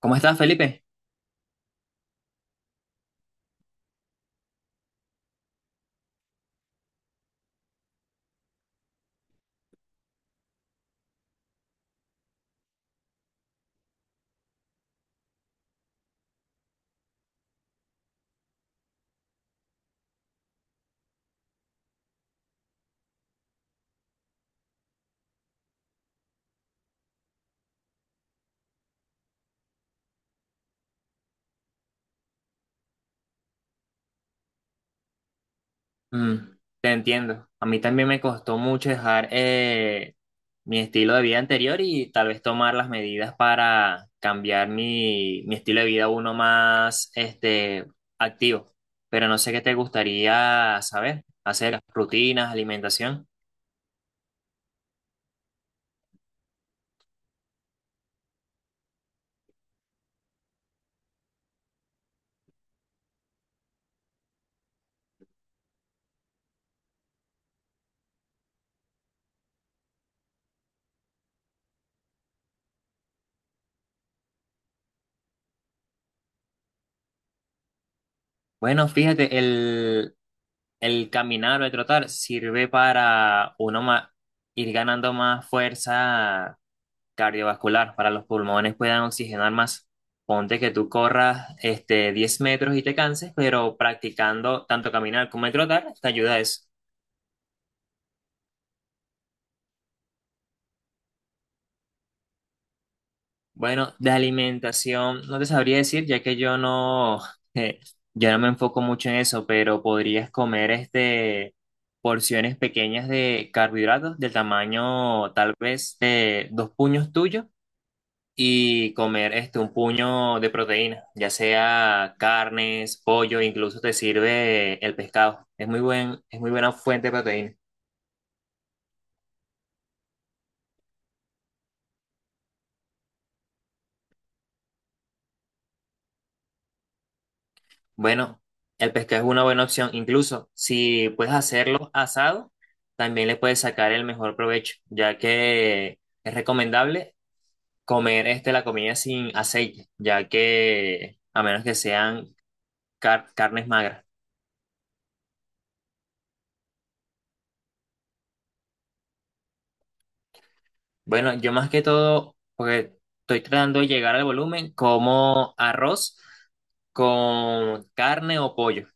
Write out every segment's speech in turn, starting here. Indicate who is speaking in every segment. Speaker 1: ¿Cómo estás, Felipe? Mm, te entiendo. A mí también me costó mucho dejar mi estilo de vida anterior y tal vez tomar las medidas para cambiar mi estilo de vida a uno más activo. Pero no sé qué te gustaría saber, hacer rutinas, alimentación. Bueno, fíjate, el caminar o el trotar sirve para uno ir ganando más fuerza cardiovascular, para los pulmones puedan oxigenar más. Ponte que tú corras 10 metros y te canses, pero practicando tanto caminar como el trotar, te ayuda a eso. Bueno, de alimentación, no te sabría decir, ya que yo no, eh, yo no me enfoco mucho en eso, pero podrías comer porciones pequeñas de carbohidratos del tamaño tal vez de dos puños tuyos y comer este un puño de proteína, ya sea carnes, pollo, incluso te sirve el pescado. Es muy buena fuente de proteína. Bueno, el pescado es una buena opción, incluso si puedes hacerlo asado, también le puedes sacar el mejor provecho, ya que es recomendable comer este la comida sin aceite, ya que a menos que sean carnes magras. Bueno, yo más que todo, porque estoy tratando de llegar al volumen, como arroz con carne o pollo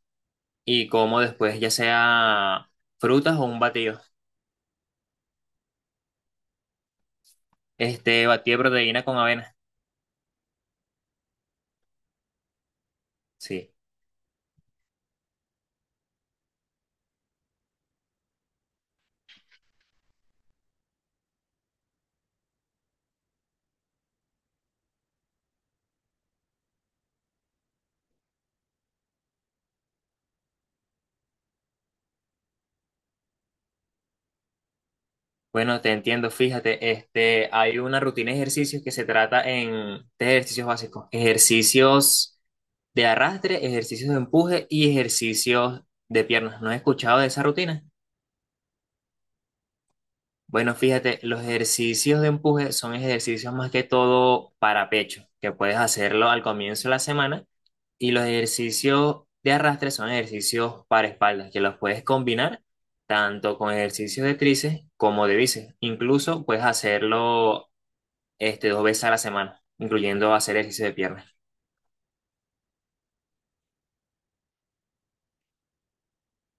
Speaker 1: y como después ya sea frutas o un batido. Este batido de proteína con avena. Sí. Bueno, te entiendo, fíjate, este hay una rutina de ejercicios que se trata en tres ejercicios básicos, ejercicios de arrastre, ejercicios de empuje y ejercicios de piernas. ¿No has escuchado de esa rutina? Bueno, fíjate, los ejercicios de empuje son ejercicios más que todo para pecho, que puedes hacerlo al comienzo de la semana, y los ejercicios de arrastre son ejercicios para espaldas, que los puedes combinar tanto con ejercicios de tríceps como de bíceps. Incluso puedes hacerlo dos veces a la semana, incluyendo hacer ejercicio de piernas.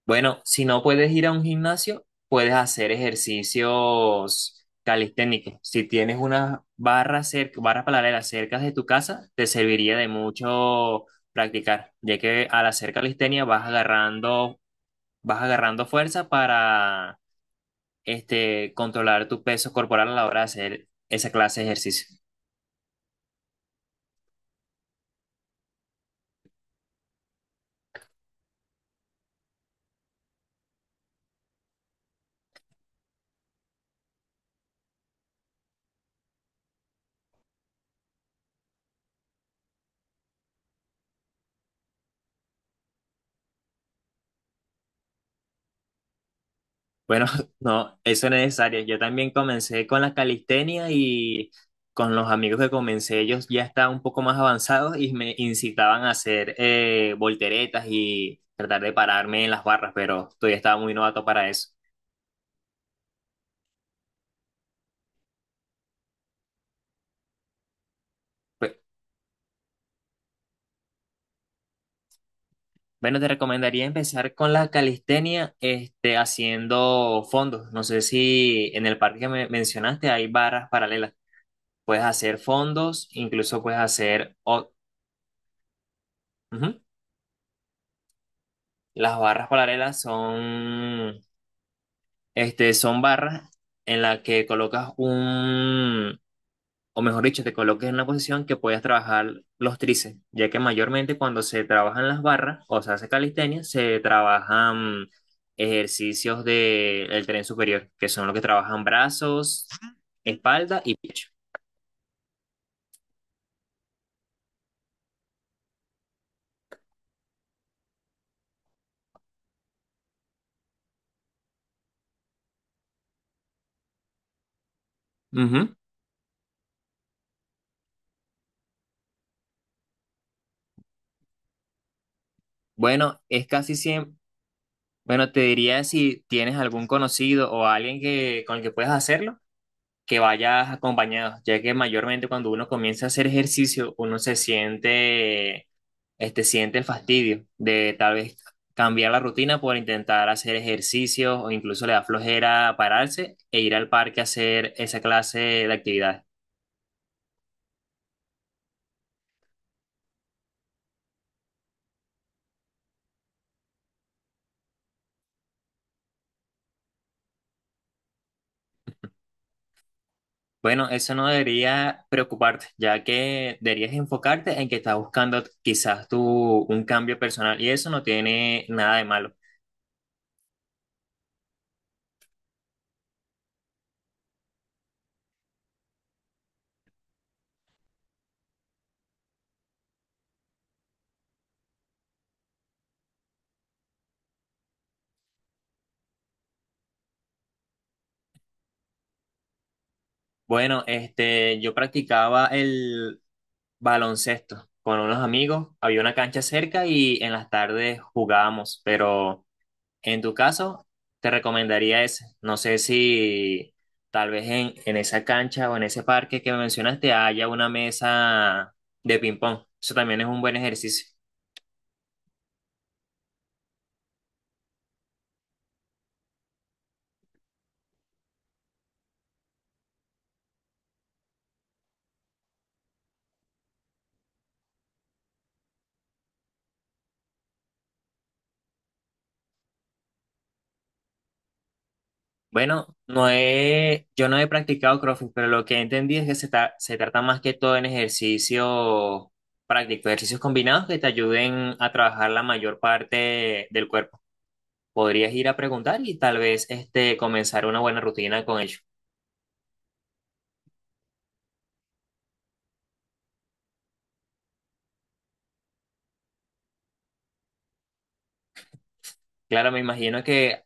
Speaker 1: Bueno, si no puedes ir a un gimnasio, puedes hacer ejercicios calisténicos. Si tienes unas barras cerca, barras paralelas cerca de tu casa, te serviría de mucho practicar, ya que al hacer calistenia vas agarrando fuerza para controlar tu peso corporal a la hora de hacer esa clase de ejercicio. Bueno, no, eso no es necesario. Yo también comencé con la calistenia y con los amigos que comencé, ellos ya estaban un poco más avanzados y me incitaban a hacer volteretas y tratar de pararme en las barras, pero todavía estaba muy novato para eso. Pe- Bueno, te recomendaría empezar con la calistenia, haciendo fondos. No sé si en el parque que me mencionaste hay barras paralelas. Puedes hacer fondos, incluso puedes hacer. Ujú. Las barras paralelas son son barras en las que o mejor dicho, te colocas en una posición que puedas trabajar los tríceps, ya que mayormente cuando se trabajan las barras o se hace calistenia, se trabajan ejercicios del el tren superior, que son los que trabajan brazos, espalda y pecho. Ujú. Bueno, es casi siempre, bueno, te diría si tienes algún conocido o con el que puedas hacerlo que vayas acompañado, ya que mayormente cuando uno comienza a hacer ejercicio, siente el fastidio de tal vez cambiar la rutina por intentar hacer ejercicio o incluso le da flojera pararse e ir al parque a hacer esa clase de actividad. Bueno, eso no debería preocuparte, ya que deberías enfocarte en que estás buscando quizás tú un cambio personal y eso no tiene nada de malo. Bueno, yo practicaba el baloncesto con unos amigos. Había una cancha cerca y en las tardes jugábamos, pero en tu caso te recomendaría ese. No sé si tal vez en esa cancha o en ese parque que mencionaste haya una mesa de ping pong. Eso también es un buen ejercicio. Bueno, yo no he practicado CrossFit, pero lo que entendí es que se trata más que todo en ejercicio práctico, ejercicios combinados que te ayuden a trabajar la mayor parte del cuerpo. Podrías ir a preguntar y tal vez comenzar una buena rutina con ellos. Claro,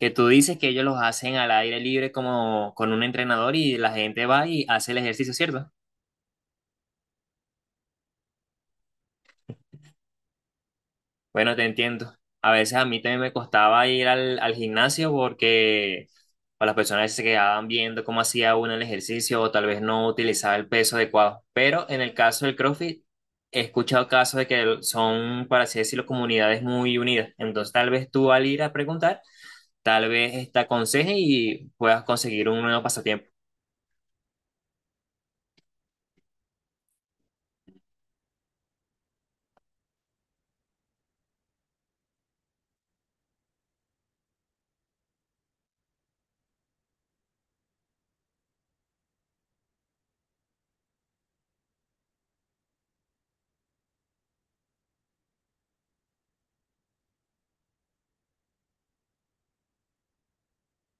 Speaker 1: que tú dices que ellos los hacen al aire libre como con un entrenador y la gente va y hace el ejercicio, ¿cierto? Bueno, te entiendo. A veces a mí también me costaba ir al gimnasio porque o las personas se quedaban viendo cómo hacía uno el ejercicio o tal vez no utilizaba el peso adecuado. Pero en el caso del CrossFit, he escuchado casos de que son, para así decirlo, comunidades muy unidas. Entonces, tal vez tú al ir a preguntar, tal vez esta aconseje y puedas conseguir un nuevo pasatiempo.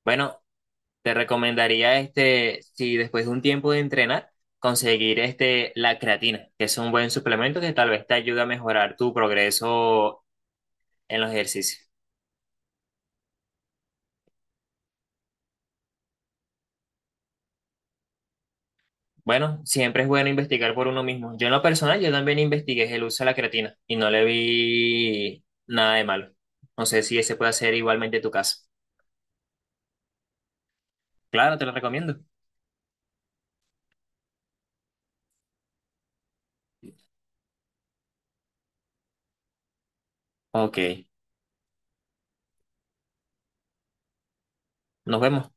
Speaker 1: Bueno, te recomendaría si después de un tiempo de entrenar, conseguir la creatina, que es un buen suplemento que tal vez te ayuda a mejorar tu progreso en los ejercicios. Bueno, siempre es bueno investigar por uno mismo. Yo en lo personal, yo también investigué el uso de la creatina y no le vi nada de malo. No sé si ese puede ser igualmente tu caso. Claro, te lo recomiendo. Ok, nos vemos.